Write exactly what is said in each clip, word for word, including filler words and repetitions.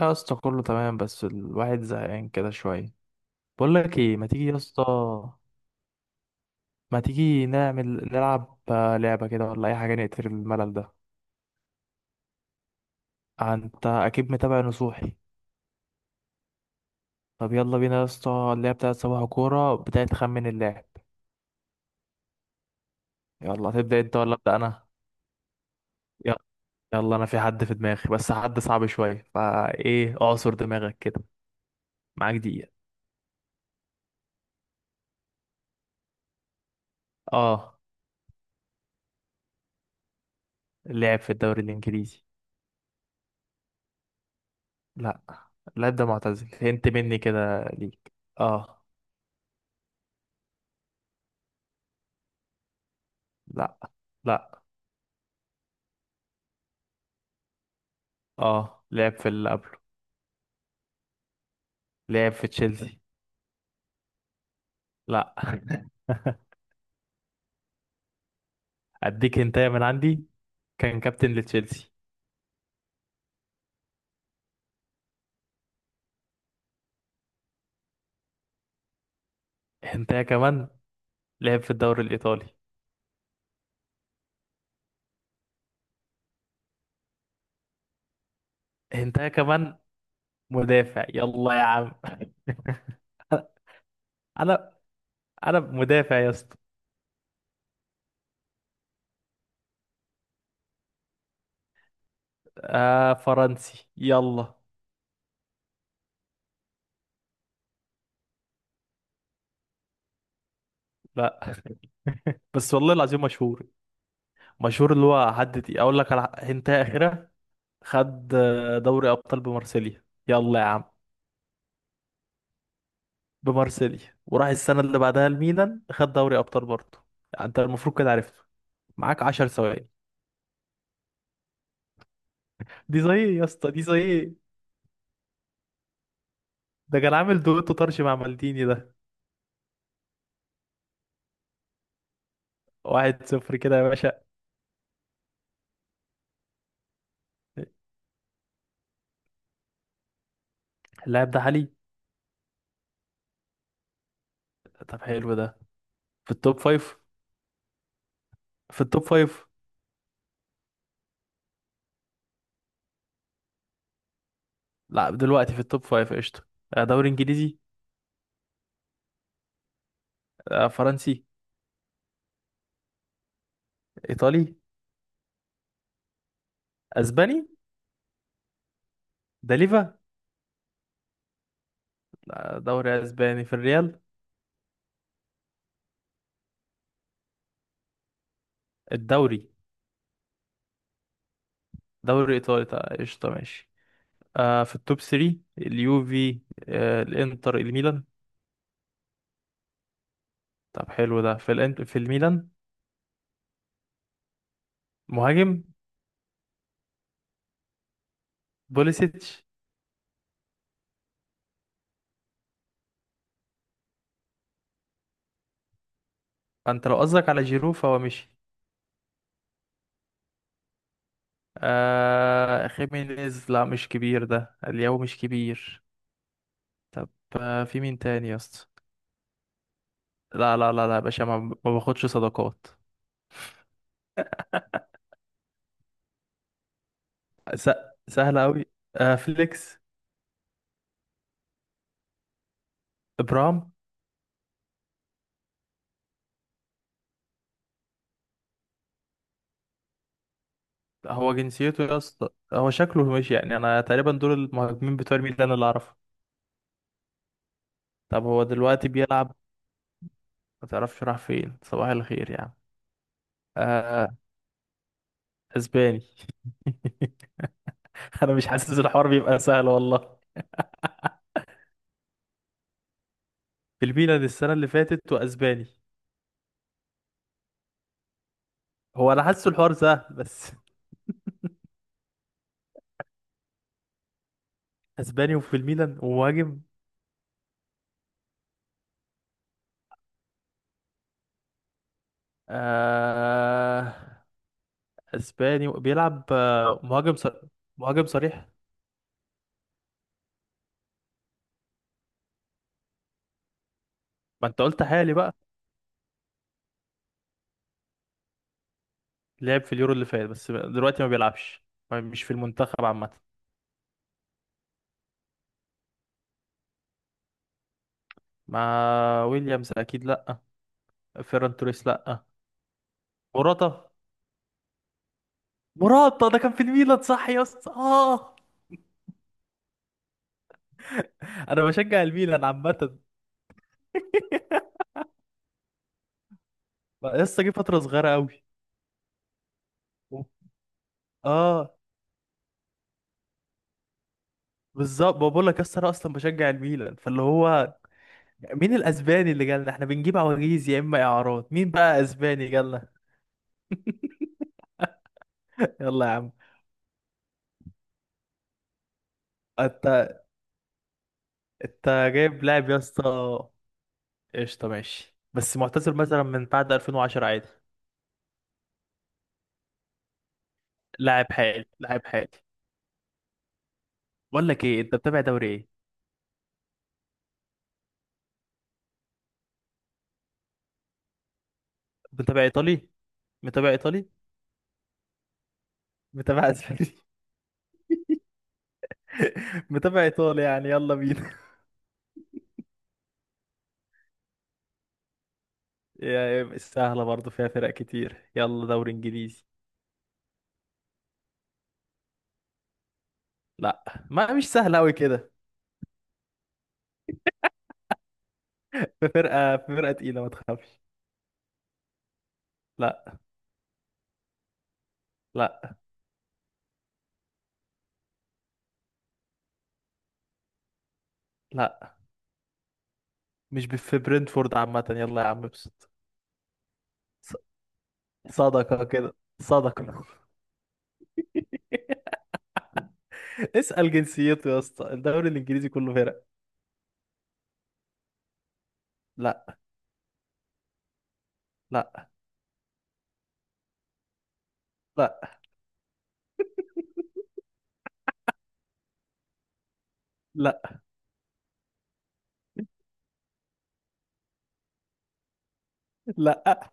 يا اسطى كله تمام بس الواحد زهقان كده شوية. بقول لك ايه، ما تيجي يا اسطى ما تيجي نعمل نلعب آه، لعبة كده ولا اي حاجة نقتل الملل ده. آه، انت اكيد متابع نصوحي؟ طب يلا بينا يا اسطى، اللعبة بتاعت صباح كورة بتاعت خمن اللاعب. يلا تبدأ انت ولا ابدأ انا؟ يلا. يلا، انا في حد في دماغي بس حد صعب شوية فايه اعصر دماغك كده. معاك دقيقة. اه. اللاعب في الدوري الانجليزي؟ لا. اللاعب ده معتزل، هنت مني كده ليك. اه. لا. لا. اه لعب في اللي قبله. لعب في تشيلسي. لا. اديك هنتايه من عندي. كان كابتن لتشيلسي. هنتايه كمان. لعب في الدوري الايطالي. هنتايه كمان. مدافع، يلا يا عم انا انا أنا مدافع يا اسطى. آه فرنسي، يلا. لا بس والله العظيم مشهور. مشهور، اللي هو حد تقيل. اقول لك على هنتايه اخيره. خد آه، دوري ابطال بمارسيليا، يلا يا عم. بمارسيليا، وراح السنة اللي بعدها الميلان خد دوري أبطال برضه. يعني أنت المفروض كده عرفته. معاك 10 ثواني. دي زي إيه يا اسطى؟ دي زي إيه؟ ده كان عامل دويتو طرش مع مالديني ده. واحد صفر كده يا باشا. اللاعب ده عالي. طب حلو ده. في التوب فايف. في التوب فايف. لا، دلوقتي في التوب فايف. قشطة. آه، دوري إنجليزي. آه، فرنسي. إيطالي. أسباني. ده ليفا. لا، دوري أسباني في الريال. الدوري. دوري إيطالي طيب، قشطة ماشي. آه في التوب تلاتة اليوفي. آه الانتر الميلان. طب حلو ده. في الانت في الميلان. مهاجم. بوليسيتش. انت لو قصدك على جيرو فهو مشي. آه خيمينيز، لا مش كبير، ده الياو مش كبير. طب. آه في مين تاني يا اسطى؟ لا، لا، لا، لا، يا باشا، ما, ما باخدش صداقات. س... سهل قوي. آه فليكس. ابرام. هو جنسيته يا اسطى، هو شكله ماشي يعني. انا تقريبا دول المهاجمين بتوع الميلان اللي اعرفه. طب هو دلوقتي بيلعب؟ ما تعرفش راح فين؟ صباح الخير يا عم. آه. اسباني انا مش حاسس الحوار بيبقى سهل والله. في الميلان السنة اللي فاتت واسباني. هو انا حاسس الحوار سهل بس اسباني وفي الميلان ومهاجم. آه اسباني بيلعب آه، مهاجم صر... مهاجم صريح. ما انت قلت حالي بقى. لعب في اليورو اللي فات بس دلوقتي ما بيلعبش. ما- مش في المنتخب عامة. ما ويليامز اكيد لا. فيران توريس لا. موراتا. مراتا ده كان في الميلان صح يا اسطى؟ اه. انا بشجع الميلان عامه. لسه جه فتره صغيره قوي. اه بالظبط. بقول لك يا اسطى انا اصلا بشجع الميلان فاللي هو مين الاسباني اللي جالنا؟ احنا بنجيب عواجيز يا اما اعارات. مين بقى اسباني جالنا؟ يلا يا عم. انت. انت جايب لاعب يا اسطى؟ قشطه ماشي. بس معتزل مثلا من بعد ألفين وعشرة عادي. لاعب حالي لاعب حالي. بقول لك ايه انت متابع دوري ايه؟ متابع ايطالي؟ متابع ايطالي. متابع اسباني. متابع ايطالي يعني، يلا بينا. يا- سهلة برضو فيها فرق كتير، يلا دوري انجليزي. لا. ما مش سهلة اوي كده. في فرقة في فرقة تقيلة ما تخافش. لا، لا، لا، مش ب- في برنتفورد عامة، يلا يا عم ابسط. ص- صدقة كده. صدقة اسأل جنسيته يا اسطى، الدوري الانجليزي كله فرق. لا. لا. لا. لا. لا.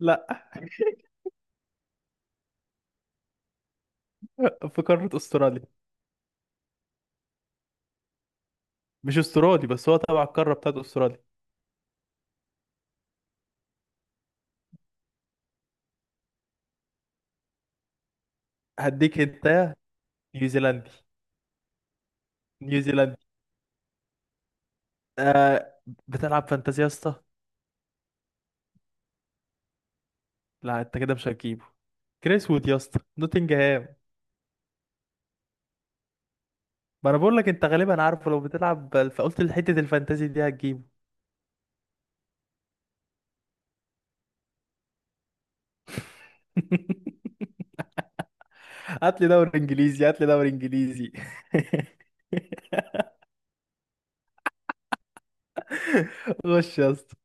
لا. في قارة استراليا. مش استرالي، بس هو تبع القارة بتاعت استراليا. هديك انت. نيوزيلندي. نيوزيلندي. آه. بتلعب فانتازيا يا اسطى؟ لا انت كده مش هتجيبه. كريس وود يا اسطى، نوتنجهام. ما انا بقول لك انت غالبا عارفه، لو بتلعب فقلت حته الفانتازي دي هتجيبه. هات لي دوري انجليزي هات لي دوري انجليزي. غش يا اسطى.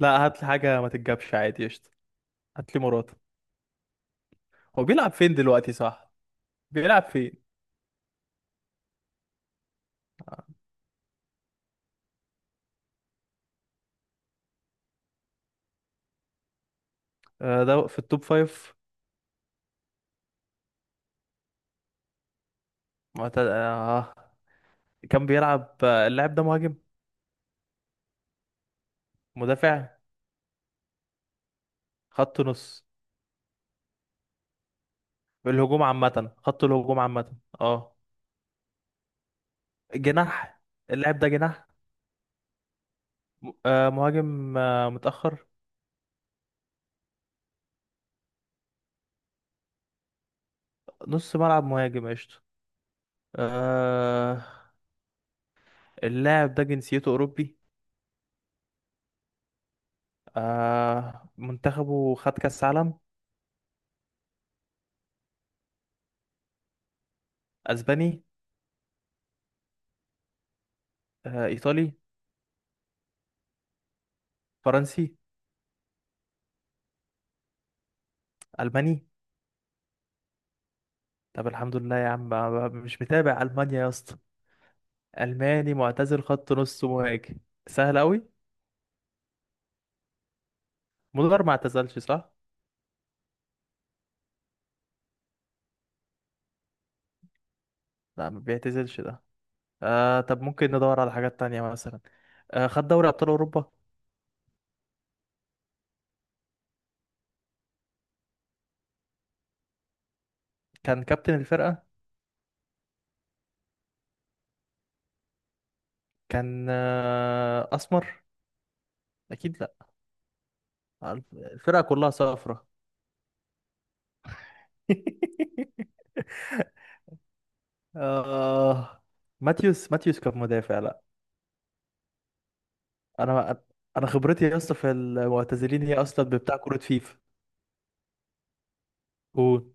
لا هات لي حاجه ما تتجابش عادي قشطه. هات لي مراته. هو بيلعب فين دلوقتي صح؟ بيلعب فين؟ آه ده في التوب فايف. معتد... آه. كان بيلعب آه، اللاعب ده مهاجم. مدافع. خط نص. الهجوم عامة، خط الهجوم عامة اه. جناح. اللاعب ده جناح. م- آه مهاجم آه متأخر. نص ملعب، مهاجم قشطة. آه اللاعب ده جنسيته أوروبي. آه منتخبه خد كأس عالم. أسباني. آه إيطالي. فرنسي. ألماني. طب الحمد لله يا عم. ما- ما- مش متابع ألمانيا يا اسطى. ألماني معتزل خط نص مهاجم. سهل أوي. مولر ما اعتزلش صح؟ لا ما بيعتزلش ده. آه طب ممكن ندور على حاجات تانية مثلا. آه، خد دوري ابطال اوروبا. كان كابتن الفرقه. كان آه، اسمر. اكيد لا. الفرقه كلها صفرة. آه. ماتيوس ماتيوس كان مدافع لا. انا انا خبرتي يا اسطى في المعتزلين هي اصلا بتاع كرة فيفا. قول.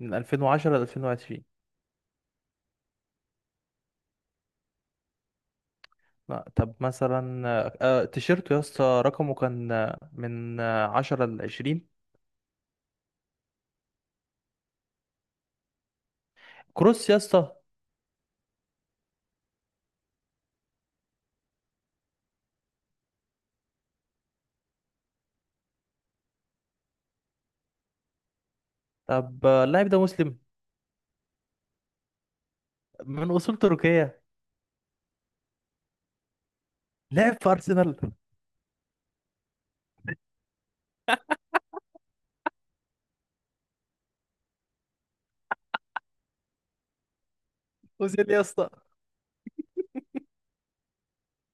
من ألفين وعشرة ل ألفين وعشرين. لا طب مثلا آه تيشيرته يا اسطى رقمه كان آه، من آه، عشرة ل عشرين. كروس يا اسطى. طب آه، اللاعب ده مسلم من اصول تركية لعب في ارسنال. اوزيل يا اسطى.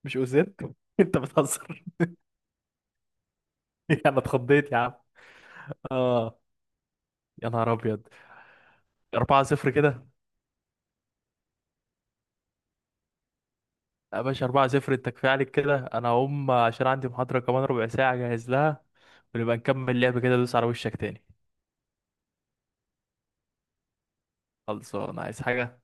مش اوزيل؟ انت بتهزر؟ انا اتخضيت يا عم. اه يا نهار ابيض. اربعة صفر كده. يا باشا اربعة صفر، انت كفايه عليك كده، انا هقوم عشان عندي محاضره كمان ربع ساعه اجهز لها. ونبقى نكمل لعب كده، دوس على وشك تاني. خلصان، عايز حاجه؟